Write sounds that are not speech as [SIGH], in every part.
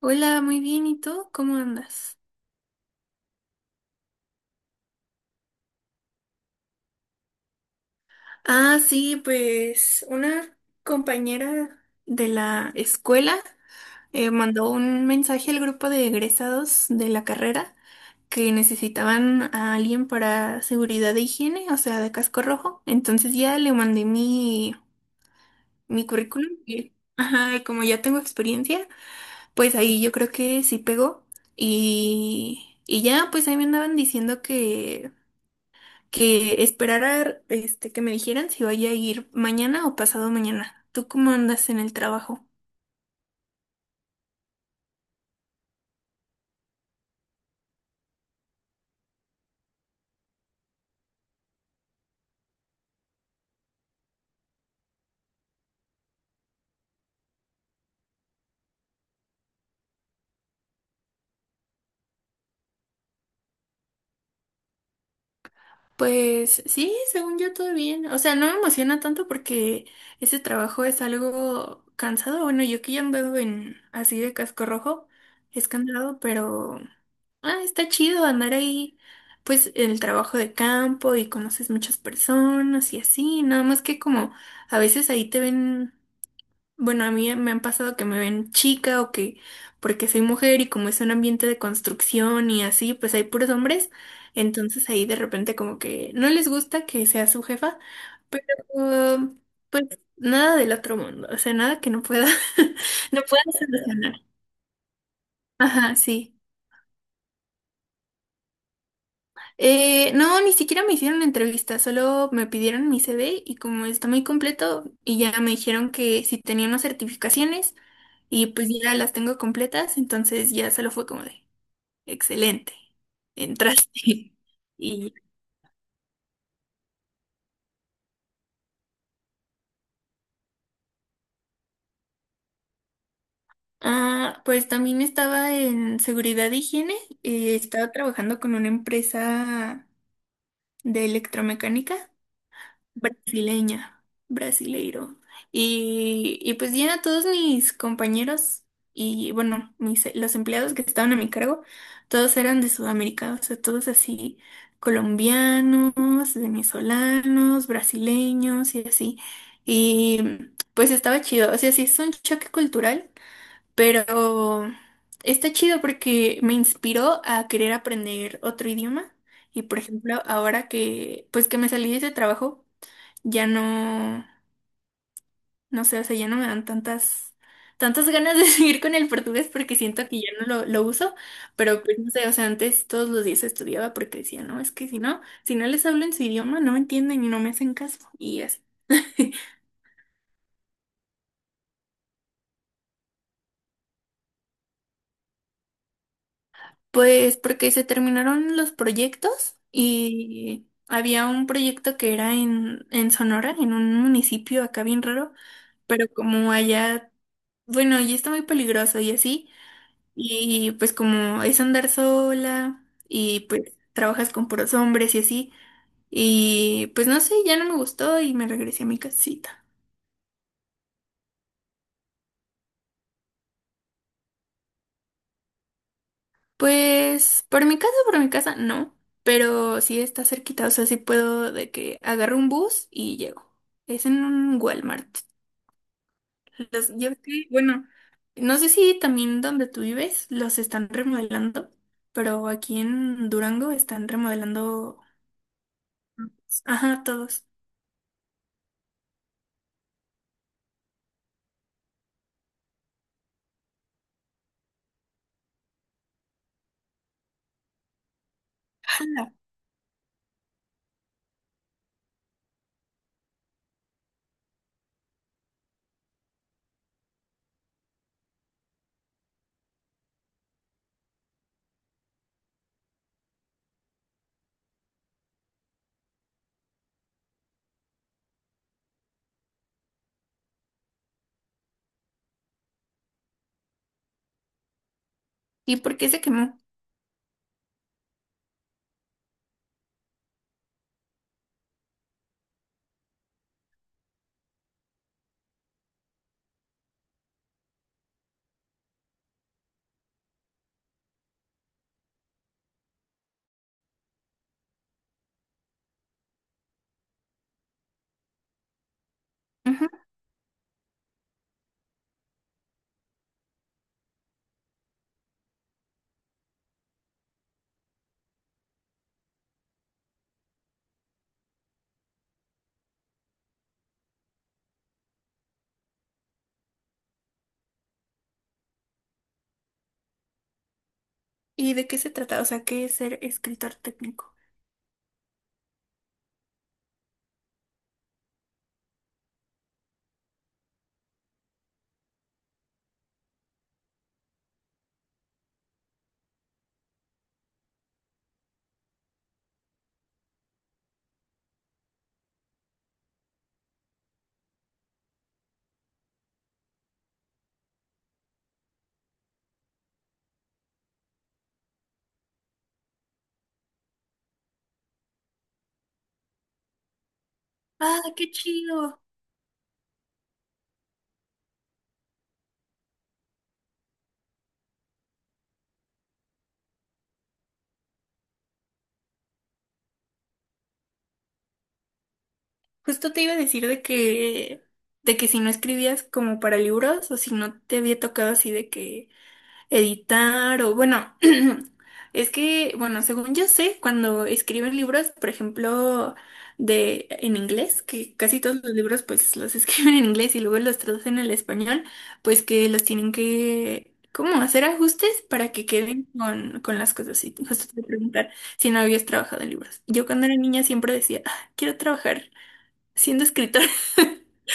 Hola, muy bien. ¿Y tú? ¿Cómo andas? Ah, sí, pues una compañera de la escuela mandó un mensaje al grupo de egresados de la carrera que necesitaban a alguien para seguridad de higiene, o sea, de casco rojo. Entonces ya le mandé mi currículum. Y, ajá, y como ya tengo experiencia, pues ahí yo creo que sí pegó. Y ya, pues ahí me andaban diciendo que esperara, este, que me dijeran si vaya a ir mañana o pasado mañana. ¿Tú cómo andas en el trabajo? Pues sí, según yo todo bien. O sea, no me emociona tanto porque ese trabajo es algo cansado. Bueno, yo que ya ando en así de casco rojo, es cansado, pero ah, está chido andar ahí, pues en el trabajo de campo, y conoces muchas personas y así. Nada más que como a veces ahí te ven. Bueno, a mí me han pasado que me ven chica o que porque soy mujer, y como es un ambiente de construcción y así, pues hay puros hombres, entonces ahí de repente como que no les gusta que sea su jefa, pero um, pues nada del otro mundo, o sea, nada que no pueda, [LAUGHS] no pueda solucionar. Ajá, sí. No, ni siquiera me hicieron entrevista, solo me pidieron mi CV, y como está muy completo, y ya me dijeron que si tenía unas certificaciones. Y pues ya las tengo completas, entonces ya solo fue como de excelente, entraste. [LAUGHS] Y ah, pues también estaba en seguridad e higiene, estaba trabajando con una empresa de electromecánica brasileña, brasileiro. Y pues ya todos mis compañeros y bueno, mis, los empleados que estaban a mi cargo, todos eran de Sudamérica, o sea, todos así, colombianos, venezolanos, brasileños y así. Y pues estaba chido, o sea, sí es un choque cultural, pero está chido porque me inspiró a querer aprender otro idioma. Y por ejemplo, ahora que pues que me salí de ese trabajo, ya no, no sé, o sea, ya no me dan tantas, tantas ganas de [LAUGHS] seguir con el portugués porque siento que ya no lo uso, pero pues no sé, o sea, antes todos los días estudiaba porque decía, no, es que si no, si no les hablo en su idioma, no me entienden y no me hacen caso, y así. [LAUGHS] Pues porque se terminaron los proyectos, y había un proyecto que era en Sonora, en un municipio acá bien raro, pero como allá, bueno, ya está muy peligroso y así. Y pues como es andar sola y pues trabajas con puros hombres y así. Y pues no sé, ya no me gustó y me regresé a mi casita. Pues por mi casa, no. Pero sí está cerquita, o sea, sí puedo de que agarro un bus y llego. Es en un Walmart. Los, yo sí, bueno, no sé si también donde tú vives los están remodelando, pero aquí en Durango están remodelando, ajá, todos. ¿Y por qué se quemó? Ujú. ¿Y de qué se trata? O sea, ¿qué es ser escritor técnico? Ah, qué chido. Justo te iba a decir de que si no escribías como para libros, o si no te había tocado así de que editar, o bueno, [CLEARS THROAT] es que, bueno, según yo sé, cuando escriben libros, por ejemplo, de en inglés, que casi todos los libros pues los [LAUGHS] escriben en inglés y luego los traducen al español, pues que los tienen que como hacer ajustes para que queden con las cosas. Y justo te preguntar si no habías trabajado en libros. Yo cuando era niña siempre decía, "Ah, quiero trabajar siendo escritora." [LAUGHS]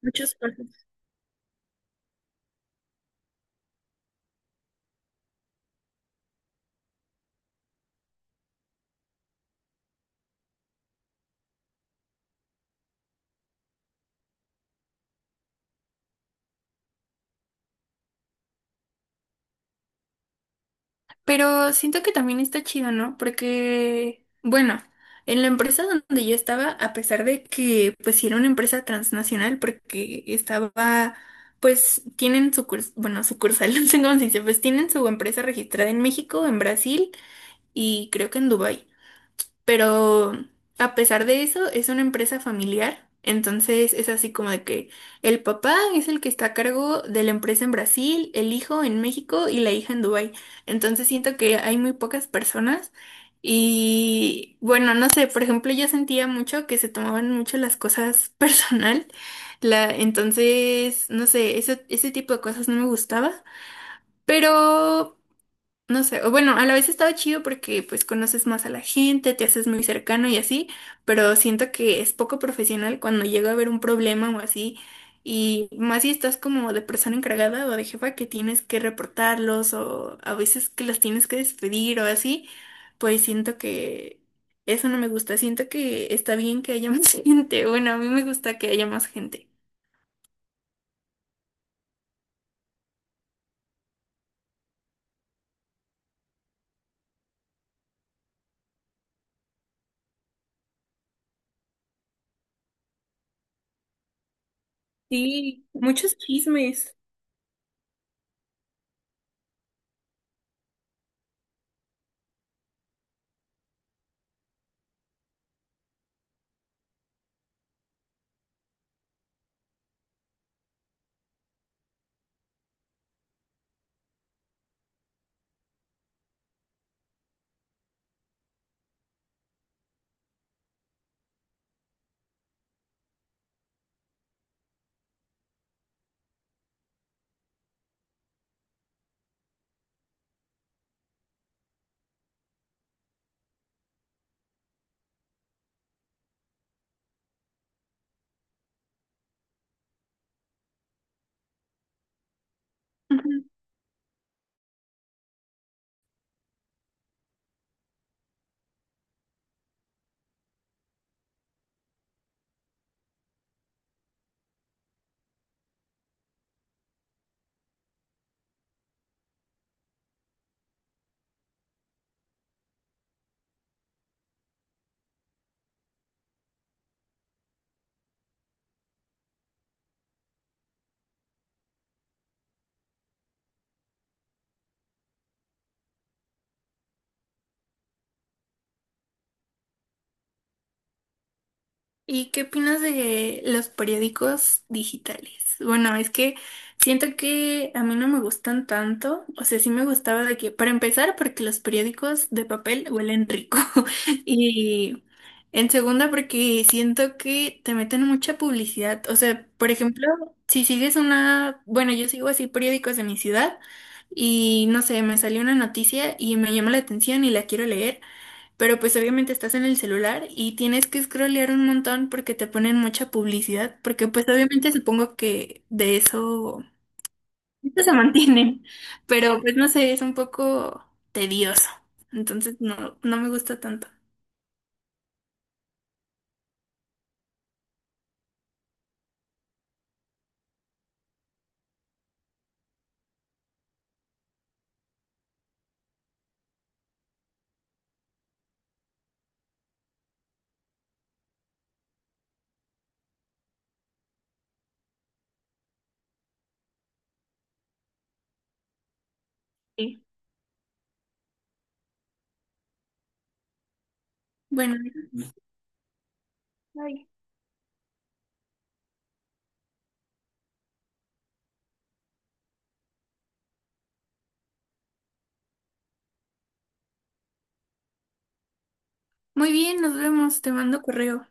Muchos. Pero siento que también está chido, ¿no? Porque, bueno, en la empresa donde yo estaba, a pesar de que, pues, sí era una empresa transnacional, porque estaba, pues, tienen su curs- bueno, sucursal, [LAUGHS] no sé cómo se dice, pues, tienen su empresa registrada en México, en Brasil y creo que en Dubái. Pero a pesar de eso, es una empresa familiar. Entonces es así como de que el papá es el que está a cargo de la empresa en Brasil, el hijo en México y la hija en Dubái. Entonces siento que hay muy pocas personas, y bueno, no sé, por ejemplo, yo sentía mucho que se tomaban mucho las cosas [LAUGHS] personal. La, entonces, no sé, ese tipo de cosas no me gustaba. Pero no sé, o bueno, a la vez estaba chido porque pues conoces más a la gente, te haces muy cercano y así, pero siento que es poco profesional cuando llega a haber un problema o así, y más si estás como de persona encargada o de jefa, que tienes que reportarlos o a veces que los tienes que despedir o así, pues siento que eso no me gusta, siento que está bien que haya más [LAUGHS] gente, bueno, a mí me gusta que haya más gente. Sí, muchos chismes. ¿Y qué opinas de los periódicos digitales? Bueno, es que siento que a mí no me gustan tanto, o sea, sí me gustaba de que, para empezar, porque los periódicos de papel huelen rico [LAUGHS] y en segunda porque siento que te meten mucha publicidad, o sea, por ejemplo, si sigues una, bueno, yo sigo así periódicos de mi ciudad y no sé, me salió una noticia y me llama la atención y la quiero leer. Pero pues obviamente estás en el celular y tienes que scrollear un montón porque te ponen mucha publicidad, porque pues obviamente supongo que de eso, eso se mantienen, pero pues no sé, es un poco tedioso, entonces no, no me gusta tanto. Sí. Bueno, bye. Muy bien, nos vemos, te mando correo.